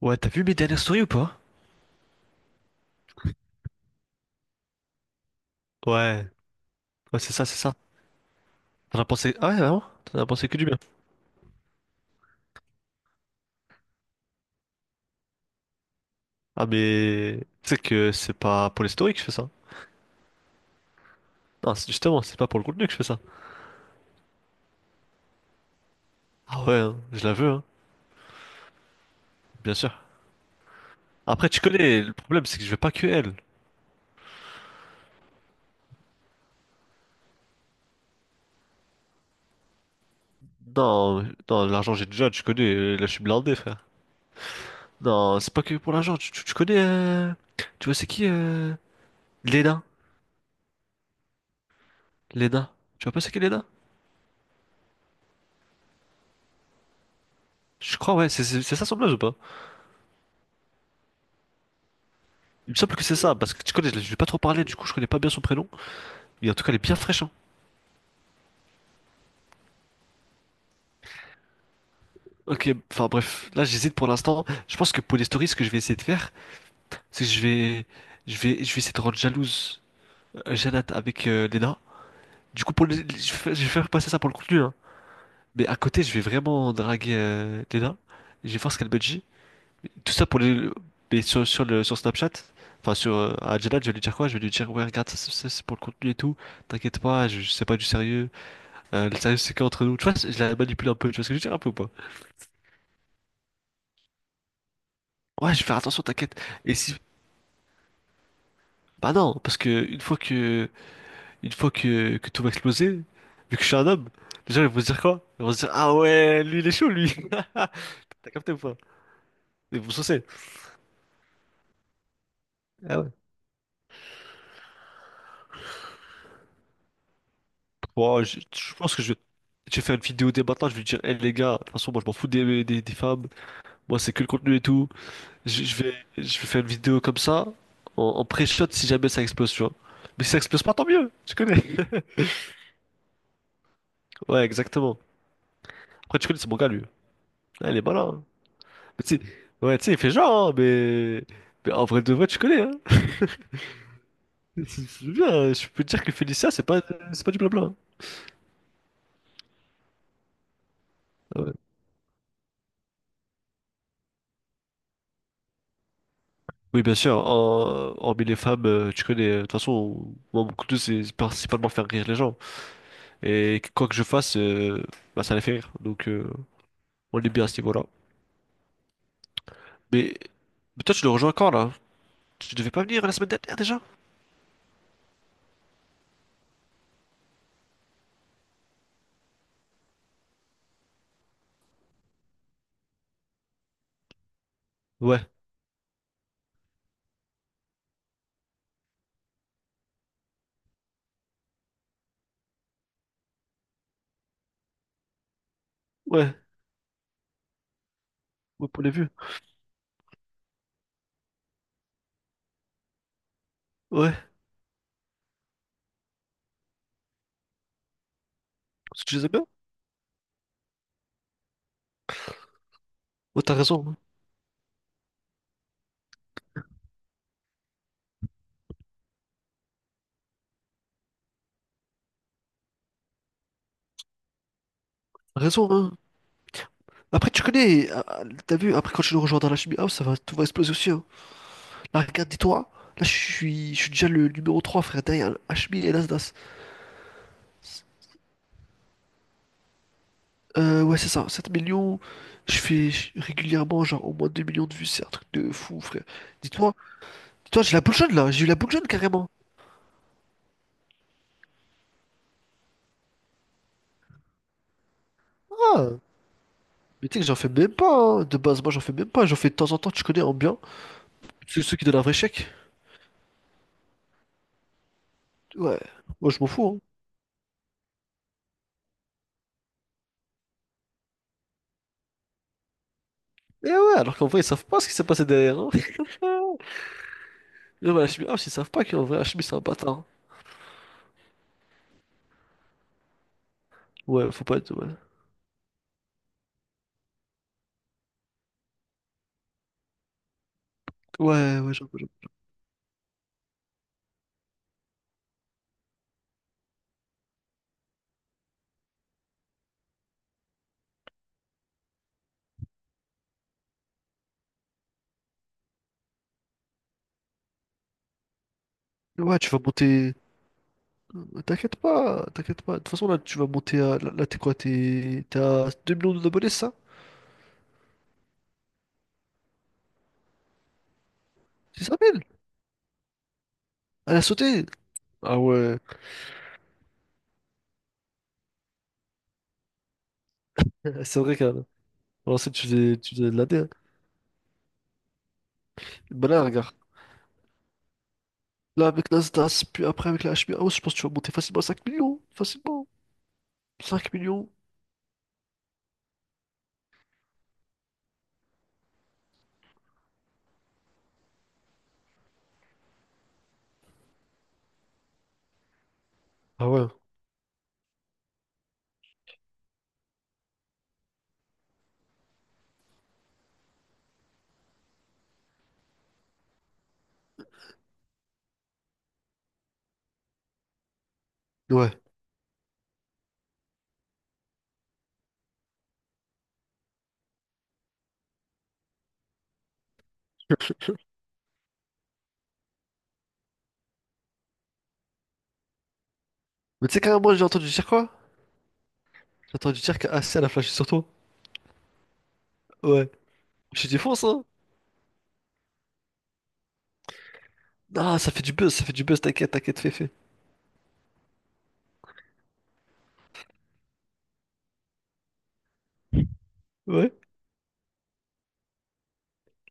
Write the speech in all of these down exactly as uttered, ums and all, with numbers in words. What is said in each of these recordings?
Ouais, t'as vu mes dernières stories ou pas? Ouais, ouais, c'est ça, c'est ça. T'en as pensé. Ah ouais, vraiment? T'en as pensé que du bien. Ah, mais. Tu sais que c'est pas pour les stories que je fais ça. Non, c'est- justement, c'est pas pour le contenu que je fais ça. Ah ouais, hein, je la veux, hein, bien sûr. Après, tu connais, le problème, c'est que je veux pas que elle. Non, non, l'argent, j'ai déjà, tu connais, là, je suis blindé, frère. Non, c'est pas que pour l'argent, tu, tu, tu connais. euh, Tu vois, c'est qui euh... Lena. Lena. Tu vois pas c'est qui Lena? Je crois, ouais, c'est c'est- c'est ça son blaze ou pas? Il me semble que c'est ça, parce que tu connais, je vais pas trop parler, du coup, je connais pas bien son prénom. Mais en tout cas, elle est bien fraîche, hein. Ok, enfin bref, là j'hésite pour l'instant. Je pense que pour les stories, ce que je vais essayer de faire, c'est que je vais, je vais, je vais essayer de rendre jalouse euh, Jeannette avec euh, Léna. Du coup, pour le- je vais je vais faire passer ça pour le contenu, hein. Mais à côté, je vais vraiment draguer euh, Léna. Je vais voir ce qu'elle me dit. Tout ça pour les, mais sur, sur le, sur Snapchat, enfin sur euh, à Jeannette, je vais lui dire quoi? Je vais lui dire ouais, regarde, ça, ça, c'est pour le contenu et tout. T'inquiète pas, je, c'est pas du sérieux. Euh, le sérieux c'est qu'entre nous. Tu vois, je la manipule un peu. Tu vois ce que je veux dire un peu ou pas? Ouais, je vais faire attention, t'inquiète. Et si, bah non, parce que une fois que une fois que, que tout va exploser, vu que je suis un homme, les gens ils vont se dire quoi? Ils vont se dire ah ouais, lui il est chaud lui. T'as capté ou pas? Ils vont saucer. Ah ouais. Bon, je, je pense que je vais, je vais faire une vidéo dès maintenant. Je vais dire, hé les gars, de toute façon, moi je m'en fous des, des, des femmes. Moi c'est que le contenu et tout. Je, je vais, je vais faire une vidéo comme ça, en, en pré-shot si jamais ça explose, tu vois. Mais si ça explose pas, tant mieux. Tu connais. Ouais, exactement. Après, tu connais, c'est mon gars lui. Ah, il est malin, hein. Tu sais- Ouais, tu sais, il fait genre, hein, mais... Mais en vrai de vrai, tu connais, hein. C'est bien, hein. Je peux te dire que Félicia, c'est pas, c'est pas du blabla, hein. Ah ouais. Oui, bien sûr, en... hormis les femmes, euh, tu connais, euh, de toute façon, moi, mon couteau, c'est c'est principalement faire rire les gens. Et quoi que je fasse, euh, bah, ça les fait rire. Donc, euh, on est bien à ce niveau-là. Mais... mais toi, tu le rejoins quand, là? Tu devais pas venir la semaine dernière, déjà? Ouais, ouais, ouais, pour les vues. Ouais, parce que tu les aimes bien? Ouais, t'as raison, hein. T'as raison, hein. Après, tu connais, euh, t'as vu, après quand tu nous rejoins dans la chimie house, ça va, tout va exploser aussi, hein. Là, regarde, dis-toi, là, je suis, je suis déjà le numéro trois frère, derrière H M I et Nasdaq. Euh, ouais, c'est ça, sept millions, je fais je- régulièrement, genre, au moins deux millions de vues, c'est un truc de fou, frère. Dis-toi, dis-toi, j'ai la boule jaune, là, j'ai eu la boule jaune, carrément. Ah, mais tu sais que j'en fais même pas, hein. De base, moi, j'en fais même pas, j'en fais de temps en temps, tu connais, en bien. C'est ceux qui donnent un vrai chèque. Ouais, moi, je m'en fous, hein. Eh ouais, alors qu'en vrai, ils savent pas ce qui s'est passé derrière, hein. Non, mais Hachimi, ah, ils savent pas qu'en vrai, Hachimi, c'est un bâtard. Ouais, faut pas être. Ouais, ouais, ouais, j'avoue, j'avoue. Ouais, tu vas monter. euh, T'inquiète pas, t'inquiète pas. De toute façon, là, tu vas monter à. Là, là, t'es quoi? T'es t'es à deux millions d'abonnés, c'est ça? C'est ça, mille? Elle a sauté! Ah ouais, c'est vrai, qu'elle. Alors, c'est, tu faisais, tu faisais de la, hein. Bah là, regarde. Là, avec Nasdaq, puis après, avec la Hachimi, ah ouais, je pense que tu vas monter facilement à cinq millions. Facilement. Cinq millions. Ah ouais. Ouais. Mais tu sais, quand même, moi, j'ai entendu dire quoi? J'ai entendu dire qu'Assel a flashé sur toi. Ouais. Je suis défonce. Ah, ça fait du buzz, ça fait du buzz, t'inquiète, t'inquiète, fais, fais. Ouais.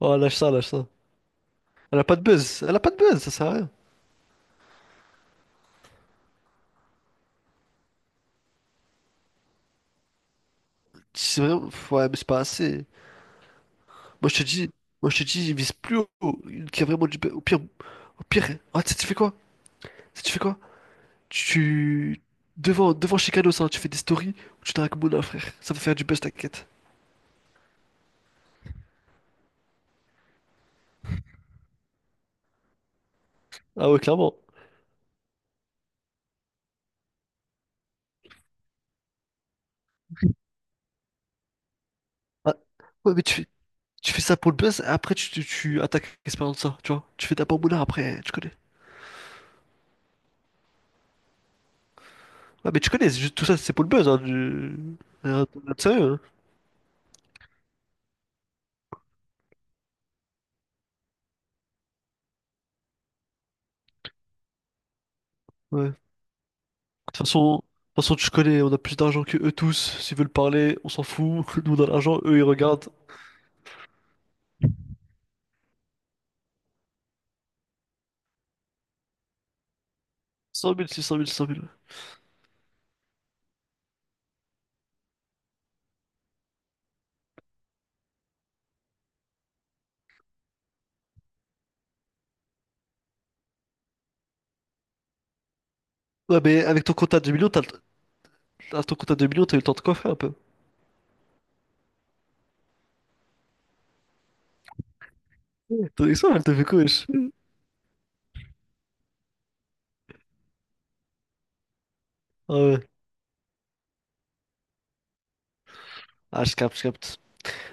Oh, lâche ça, lâche ça. Elle a pas de buzz, elle a pas de buzz, ça sert à rien. C'est vraiment... pff, Ouais, mais c'est pas assez. Moi, je te dis, moi, je te dis, il vise plus haut, qu'il y a vraiment du buzz. Au pire, au pire, ah, tu sais, tu fais quoi? Tu sais, tu fais quoi? Tu... Devant, devant Chicanos, ça tu fais des stories où tu dragues Mouna, frère. Ça va faire du buzz, t'inquiète. Ah ouais, clairement. Ah, ouais, mais tu fais, tu fais ça pour le buzz, et après, tu, tu, tu attaques Esperanza, tu vois. Tu fais d'abord Mouna, après, tu connais. Ah, mais tu connais, c'est juste- tout ça, c'est pour le buzz, hein, du... Rien de sérieux, hein. Ouais. De toute façon, de toute façon, tu connais, on a plus d'argent que eux tous. S'ils veulent parler, on s'en fout. Nous, on a l'argent, eux, ils regardent. Cent mille, six cent mille, cent mille. Ouais, mais avec ton compte à deux millions, t'as le- t'as ton compte à deux millions, t'as eu le temps de coiffer un peu. Ton ex elle te fait quoi, wesh? Ah ouais. Ah, je capte, je capte.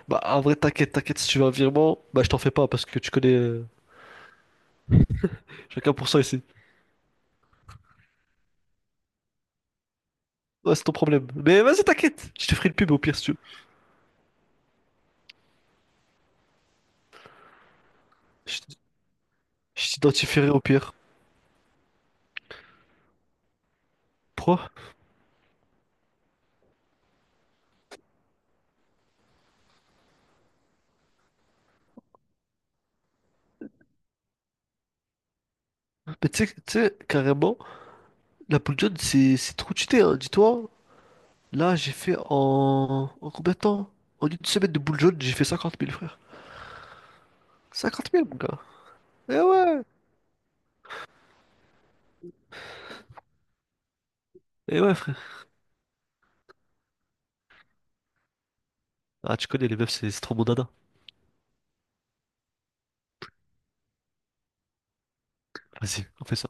Bah, en vrai, t'inquiète, t'inquiète, si tu veux un virement, bah, je t'en fais pas parce que tu connais, euh, chacun pour ça ici. Ouais, c'est ton problème. Mais vas-y, t'inquiète, je te ferai une pub au pire si tu veux. Je je t'identifierai au pire. Pourquoi? Mais tu sais, tu sais, carrément, la Pull John, c'est c'est trop cheaté, hein, dis-toi. Là, j'ai fait en... en combien de temps? En une semaine de Pull John, j'ai fait cinquante mille, frère. cinquante mille, mon gars. Eh ouais! Eh ouais, frère. Ah, tu connais, les meufs, c'est c'est trop mon dada. Vas-y, on fait ça.